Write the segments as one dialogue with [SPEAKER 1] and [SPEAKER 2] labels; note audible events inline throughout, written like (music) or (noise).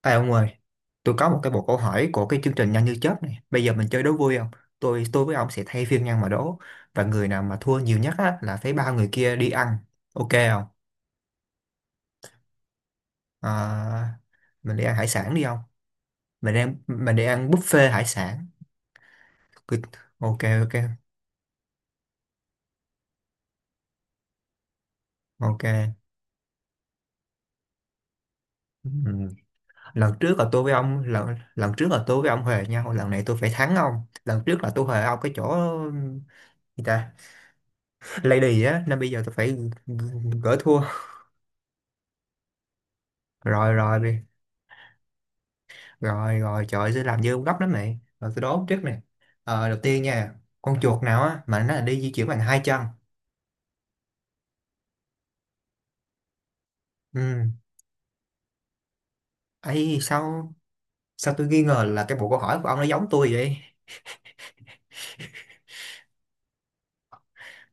[SPEAKER 1] Ê ông ơi, tôi có một cái bộ câu hỏi của cái chương trình Nhanh như chớp này. Bây giờ mình chơi đố vui không? Tôi với ông sẽ thay phiên nhau mà đố. Và người nào mà thua nhiều nhất á, là phải ba người kia đi ăn. Ok không? À, mình đi ăn hải sản đi không? Mình đi ăn buffet hải sản. Cứ- Ok ok ok. Ừm, Lần trước là tôi với ông lần lần trước là tôi với ông huề nhau. Lần này tôi phải thắng ông. Lần trước là tôi huề ông cái chỗ người ta lady á, nên bây giờ tôi phải gỡ thua. Rồi rồi. Rồi rồi trời ơi, sẽ làm dư ông gấp lắm này, rồi tôi đố trước này. Đầu tiên nha, con chuột nào á mà nó là đi di chuyển bằng hai chân? Ừ. Ấy sao, sao tôi nghi ngờ là cái bộ câu hỏi của ông nó giống tôi vậy?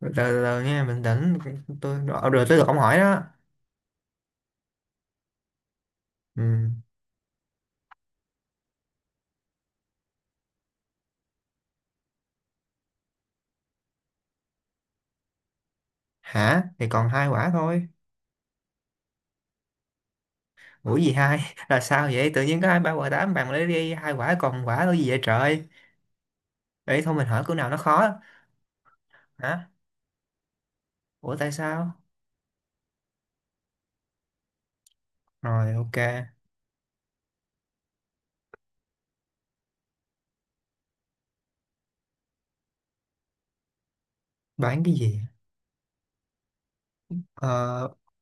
[SPEAKER 1] Rồi từ từ nha, bình tĩnh. Rồi tới được ông hỏi đó. Ừ. Hả? Thì còn hai quả thôi. Ủa gì hai (laughs) là sao vậy? Tự nhiên có hai ba quả tám, bạn lấy đi hai quả còn quả là gì vậy trời? Ấy thôi mình hỏi câu nào nó khó. Hả? Ủa tại sao? Rồi ok. Bán cái gì? Ờ,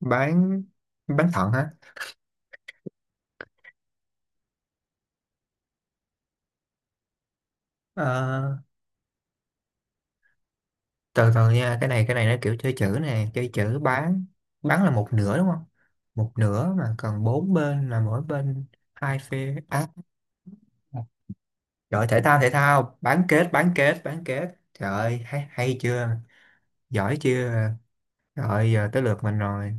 [SPEAKER 1] bán bán thận hả? Ờ, Từ từ nha, cái này nó kiểu chơi chữ nè, chơi chữ. Bán là một nửa đúng không? Một nửa mà còn bốn bên là mỗi bên hai phe á. Rồi thể thao, thể thao, bán kết bán kết bán kết, trời ơi hay, hay chưa? Giỏi chưa? Rồi giờ tới lượt mình rồi.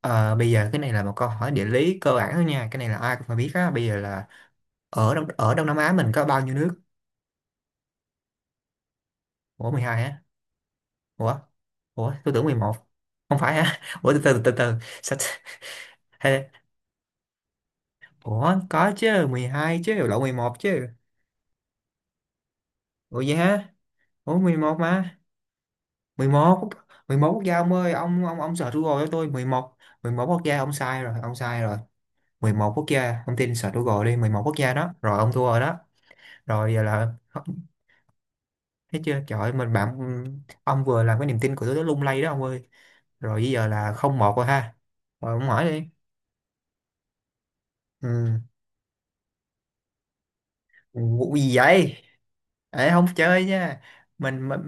[SPEAKER 1] Ờ, Bây giờ cái này là một câu hỏi địa lý cơ bản thôi nha, cái này là ai cũng phải biết á. Bây giờ là ở Đông Nam Á mình có bao nhiêu nước? Ủa 12 á? Ủa, ủa tôi tưởng 11, không phải hả? (laughs) Ủa từ từ từ. Sao t- (laughs) hay- ủa có chứ, 12 chứ lộn, 11 chứ. Ủa vậy hả? Ủa 11 mà, 11 quốc- 11 quốc gia ông ơi, ông search Google cho tôi. 11, 11 quốc gia ông sai rồi, ông sai rồi. Mười một quốc gia ông tin, search Google đi, 11 quốc gia đó, rồi ông thua rồi đó. Rồi giờ là (laughs) thấy chưa trời ơi, mình bạn ông vừa làm cái niềm tin của tôi nó lung lay đó ông ơi. Rồi bây giờ là không một rồi ha. Rồi ông hỏi đi. Ừ. Vụ gì vậy? Ê, không chơi nha. Mình,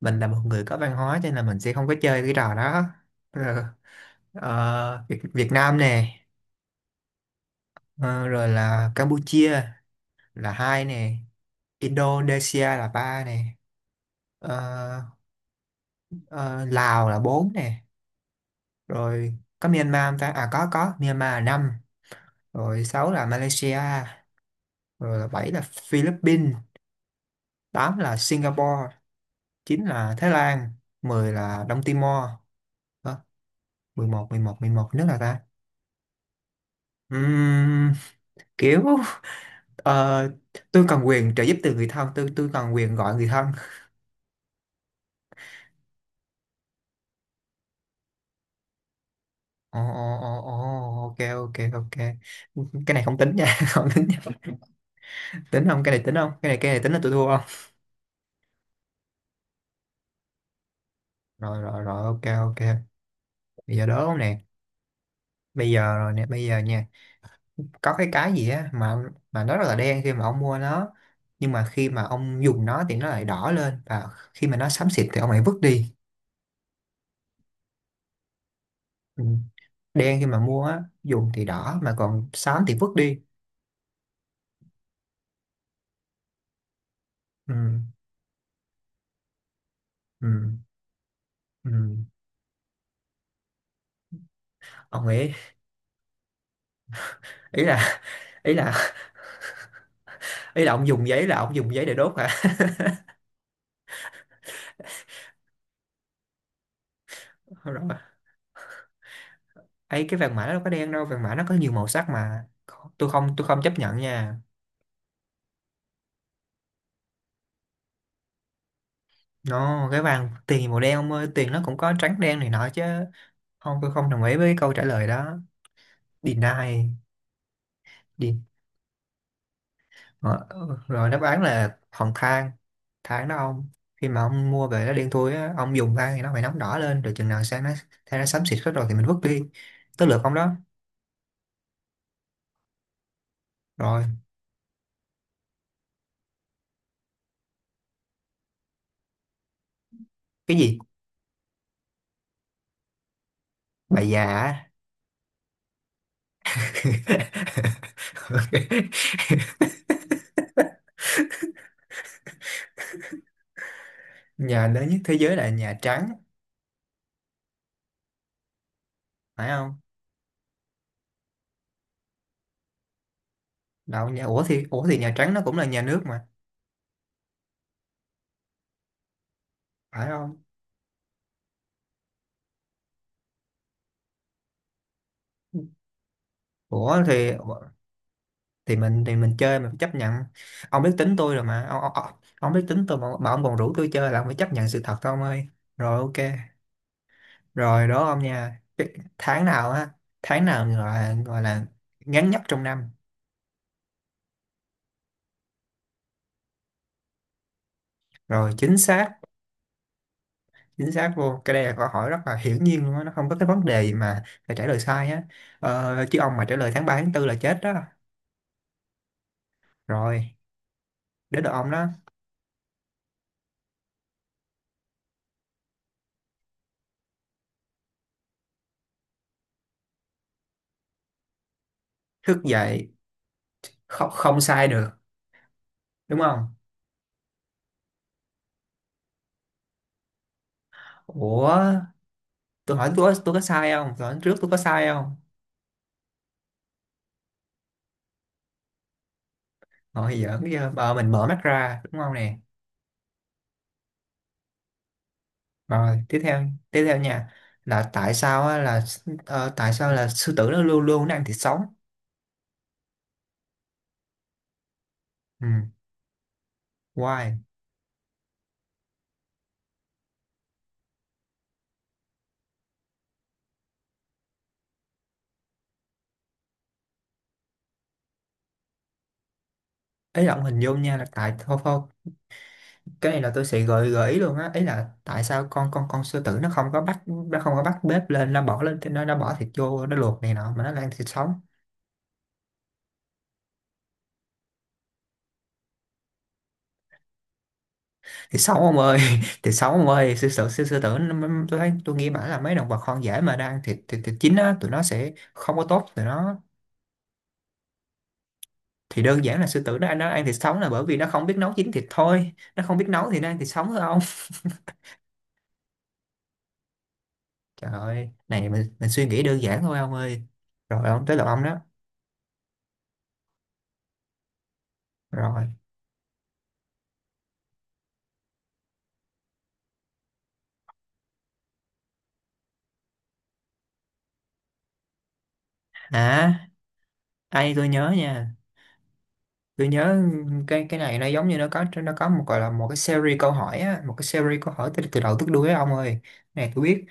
[SPEAKER 1] mình là một người có văn hóa cho nên là mình sẽ không có chơi cái trò đó. Rồi, Việt, Việt Nam nè. Ờ, Rồi là Campuchia là hai nè. Indonesia là ba nè. ờ, ờ, Lào là bốn nè. Rồi có Myanmar không ta? À có Myanmar là năm. Rồi sáu là Malaysia. Rồi là bảy là Philippines. Tám là Singapore. Chín là Thái Lan. Mười là Đông Timor. Đó, mười một, mười một, mười một nước là ta? Ừm, Kiểu ờ, tôi cần quyền trợ giúp từ người thân, tôi cần quyền gọi người thân. Ồ ồ ồ ồ, ok ok ok. Cái này không tính nha (laughs) không tính nha. Tính không? Cái này tính không? Cái này cái này tính là tôi thua không? Rồi rồi rồi ok ok. Bây giờ đố nè. Bây giờ rồi nè, bây giờ nha. Có cái gì á mà nó rất là đen khi mà ông mua nó, nhưng mà khi mà ông dùng nó thì nó lại đỏ lên, và khi mà nó xám xịt thì ông lại vứt đi. Ừ. Đen khi mà mua á, dùng thì đỏ mà còn xám thì vứt đi. Ừ. Ừ. Ừ. Ông nghĩ ý là ý là ý là ông dùng giấy, là ông dùng giấy để đốt hả? (laughs) Rồi. Ấy cái vàng mã nó đâu có đen đâu, vàng mã nó có nhiều màu sắc mà. Tôi không chấp nhận nha. Nó cái vàng tiền màu đen ông ơi, tiền nó cũng có trắng đen này nọ chứ. Không, tôi không đồng ý với câu trả lời đó. Deny đi. Ờ, Rồi đáp án là hòn than. Than đó ông, khi mà ông mua về nó đen thui á, ông dùng than thì nó phải nóng đỏ lên, rồi chừng nào sang nó, than nó xám xịt hết rồi thì mình vứt đi. Tới lượt ông đó. Rồi. Cái gì? Bà già á. (laughs) Ok. Nhà lớn nhất thế giới là Nhà Trắng, phải không? Đâu nhà, ủa thì Nhà Trắng nó cũng là nhà nước mà, phải không? Ủa thì thì mình chơi, mình phải chấp nhận. Ông biết tính tôi rồi mà ông, ông biết tính tôi mà ông còn rủ tôi chơi là ông phải chấp nhận sự thật thôi ông ơi. Rồi ok. Rồi đó ông nha. Cái tháng nào á, tháng nào gọi là ngắn nhất trong năm? Rồi chính xác. Chính xác luôn. Cái đây là câu hỏi rất là hiển nhiên luôn á, nó không có cái vấn đề gì mà phải trả lời sai á. Chứ ông mà trả lời tháng 3 tháng tư là chết đó. Rồi đến được ông đó. Thức dậy. Không, không sai được. Đúng không? Ủa tôi hỏi, tôi có sai không? Tôi hỏi trước tôi có sai không? Ngồi giỡn chứ. Bà mình mở mắt ra đúng không nè. Rồi tiếp theo, tiếp theo nha. Là tại sao á, là tại sao là sư tử nó luôn luôn nó ăn thịt sống? Ừ. Why? Ý là ông hình dung nha là tại, thôi thôi. Cái này là tôi sẽ gợi gợi ý luôn á, ấy là tại sao con sư tử nó không có bắt, nó không có bắt bếp lên, nó bỏ lên, nó bỏ thịt vô nó luộc này nọ, mà nó là ăn thịt sống? Thịt sống ông ơi. (laughs) Thịt sống ông ơi, sư tử, sư tử nó- tôi thấy tôi nghĩ bảo là mấy động vật hoang dã mà đang thịt thịt chín á, tụi nó sẽ không có tốt tụi nó. Thì đơn giản là sư tử nó ăn thịt sống là bởi vì nó không biết nấu chín thịt thôi, nó không biết nấu thì nó ăn thịt sống thôi ông. (laughs) Trời ơi này, mình suy nghĩ đơn giản thôi ông ơi. Rồi ông tới lượt ông đó. Rồi. À ai, tôi nhớ nha, tôi nhớ. Cái này nó giống như nó có, nó có một gọi là một cái series câu hỏi á, một cái series câu hỏi từ, từ đầu tới đuôi á ông ơi. Cái này tôi biết.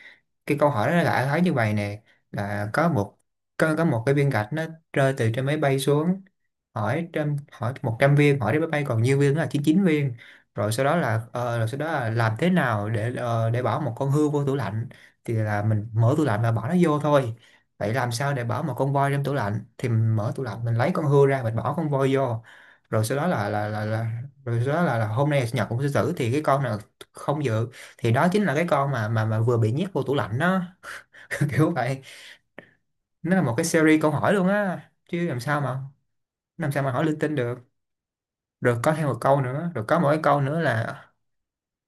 [SPEAKER 1] Cái câu hỏi đó là thấy như vậy nè, là có một, có một cái viên gạch nó rơi từ trên máy bay xuống, hỏi trăm hỏi 100 viên hỏi đến máy bay còn nhiêu viên, đó là chín chín viên. Rồi sau đó là rồi sau đó là làm thế nào để để bỏ một con hươu vô tủ lạnh, thì là mình mở tủ lạnh và bỏ nó vô thôi. Vậy làm sao để bỏ một con voi trong tủ lạnh, thì mình mở tủ lạnh mình lấy con hươu ra mình bỏ con voi vô. Rồi sau đó là rồi sau đó là hôm nay là sinh nhật của sư tử thì cái con nào không dự, thì đó chính là cái con mà mà vừa bị nhét vô tủ lạnh đó. (laughs) Kiểu vậy. Nó là một cái series câu hỏi luôn á, chứ làm sao mà hỏi linh tinh được. Rồi có thêm một câu nữa, rồi có mỗi câu nữa là,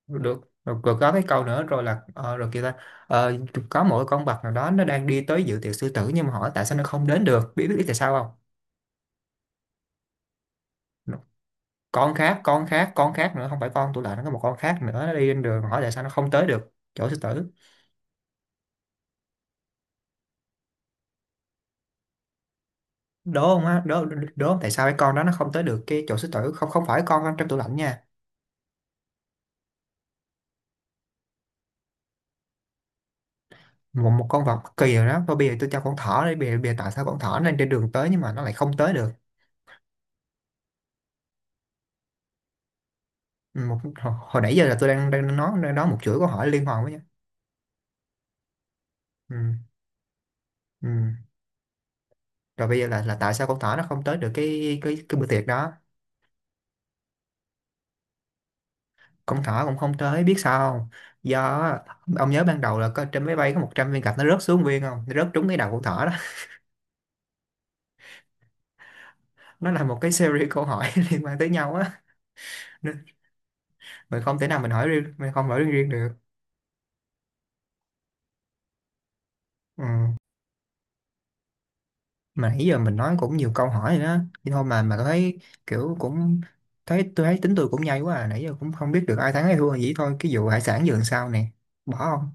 [SPEAKER 1] được rồi, rồi có cái câu nữa rồi là rồi kia ta, ờ, có mỗi con vật nào đó nó đang đi tới dự tiệc sư tử nhưng mà hỏi tại sao nó không đến được, biết biết tại sao không? Con khác, con khác nữa, không phải con tủ lạnh, nó có một con khác nữa nó đi trên đường, hỏi tại sao nó không tới được chỗ sư tử. Đố không á? Đố đố không, tại sao cái con đó nó không tới được cái chỗ sư tử? Không, không phải con trong tủ lạnh nha. Một một con vật cực kỳ rồi đó, thôi bây giờ tôi cho con thỏ đi, bây giờ tại sao con thỏ nó lên trên đường tới nhưng mà nó lại không tới được? Ừ, một hồi, hồi nãy giờ là tôi đang đang nói, đang nói một chuỗi câu hỏi liên hoàn với nhau. ừ, ừ. Rồi bây giờ là tại sao con thỏ nó không tới được cái cái bữa tiệc đó? Con thỏ cũng không tới, biết sao không? Do á, ông nhớ ban đầu là có trên máy bay có 100 viên gạch nó rớt xuống viên không, nó rớt trúng cái đầu con thỏ đó. (laughs) Nó là một cái series câu hỏi (laughs) liên quan tới nhau á. Nên mình không thể nào mình hỏi riêng, mình không hỏi riêng riêng được. Ừ. Mà nãy giờ mình nói cũng nhiều câu hỏi rồi đó, nhưng thôi mà thấy kiểu cũng, thấy tôi thấy tính tôi cũng nhây quá à, nãy giờ cũng không biết được ai thắng ai thua. Vậy thôi cái vụ hải sản giờ làm sao nè, bỏ không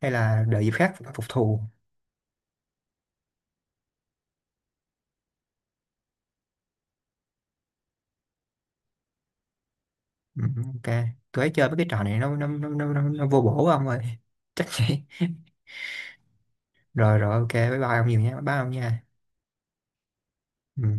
[SPEAKER 1] hay là đợi dịp khác phục thù? Ừ, ok. Tôi thấy chơi với cái trò này nó vô bổ ông ơi. (laughs) Chắc vậy. Rồi rồi ok bye bye ông nhiều nha, bye bye ông nha. Ừ.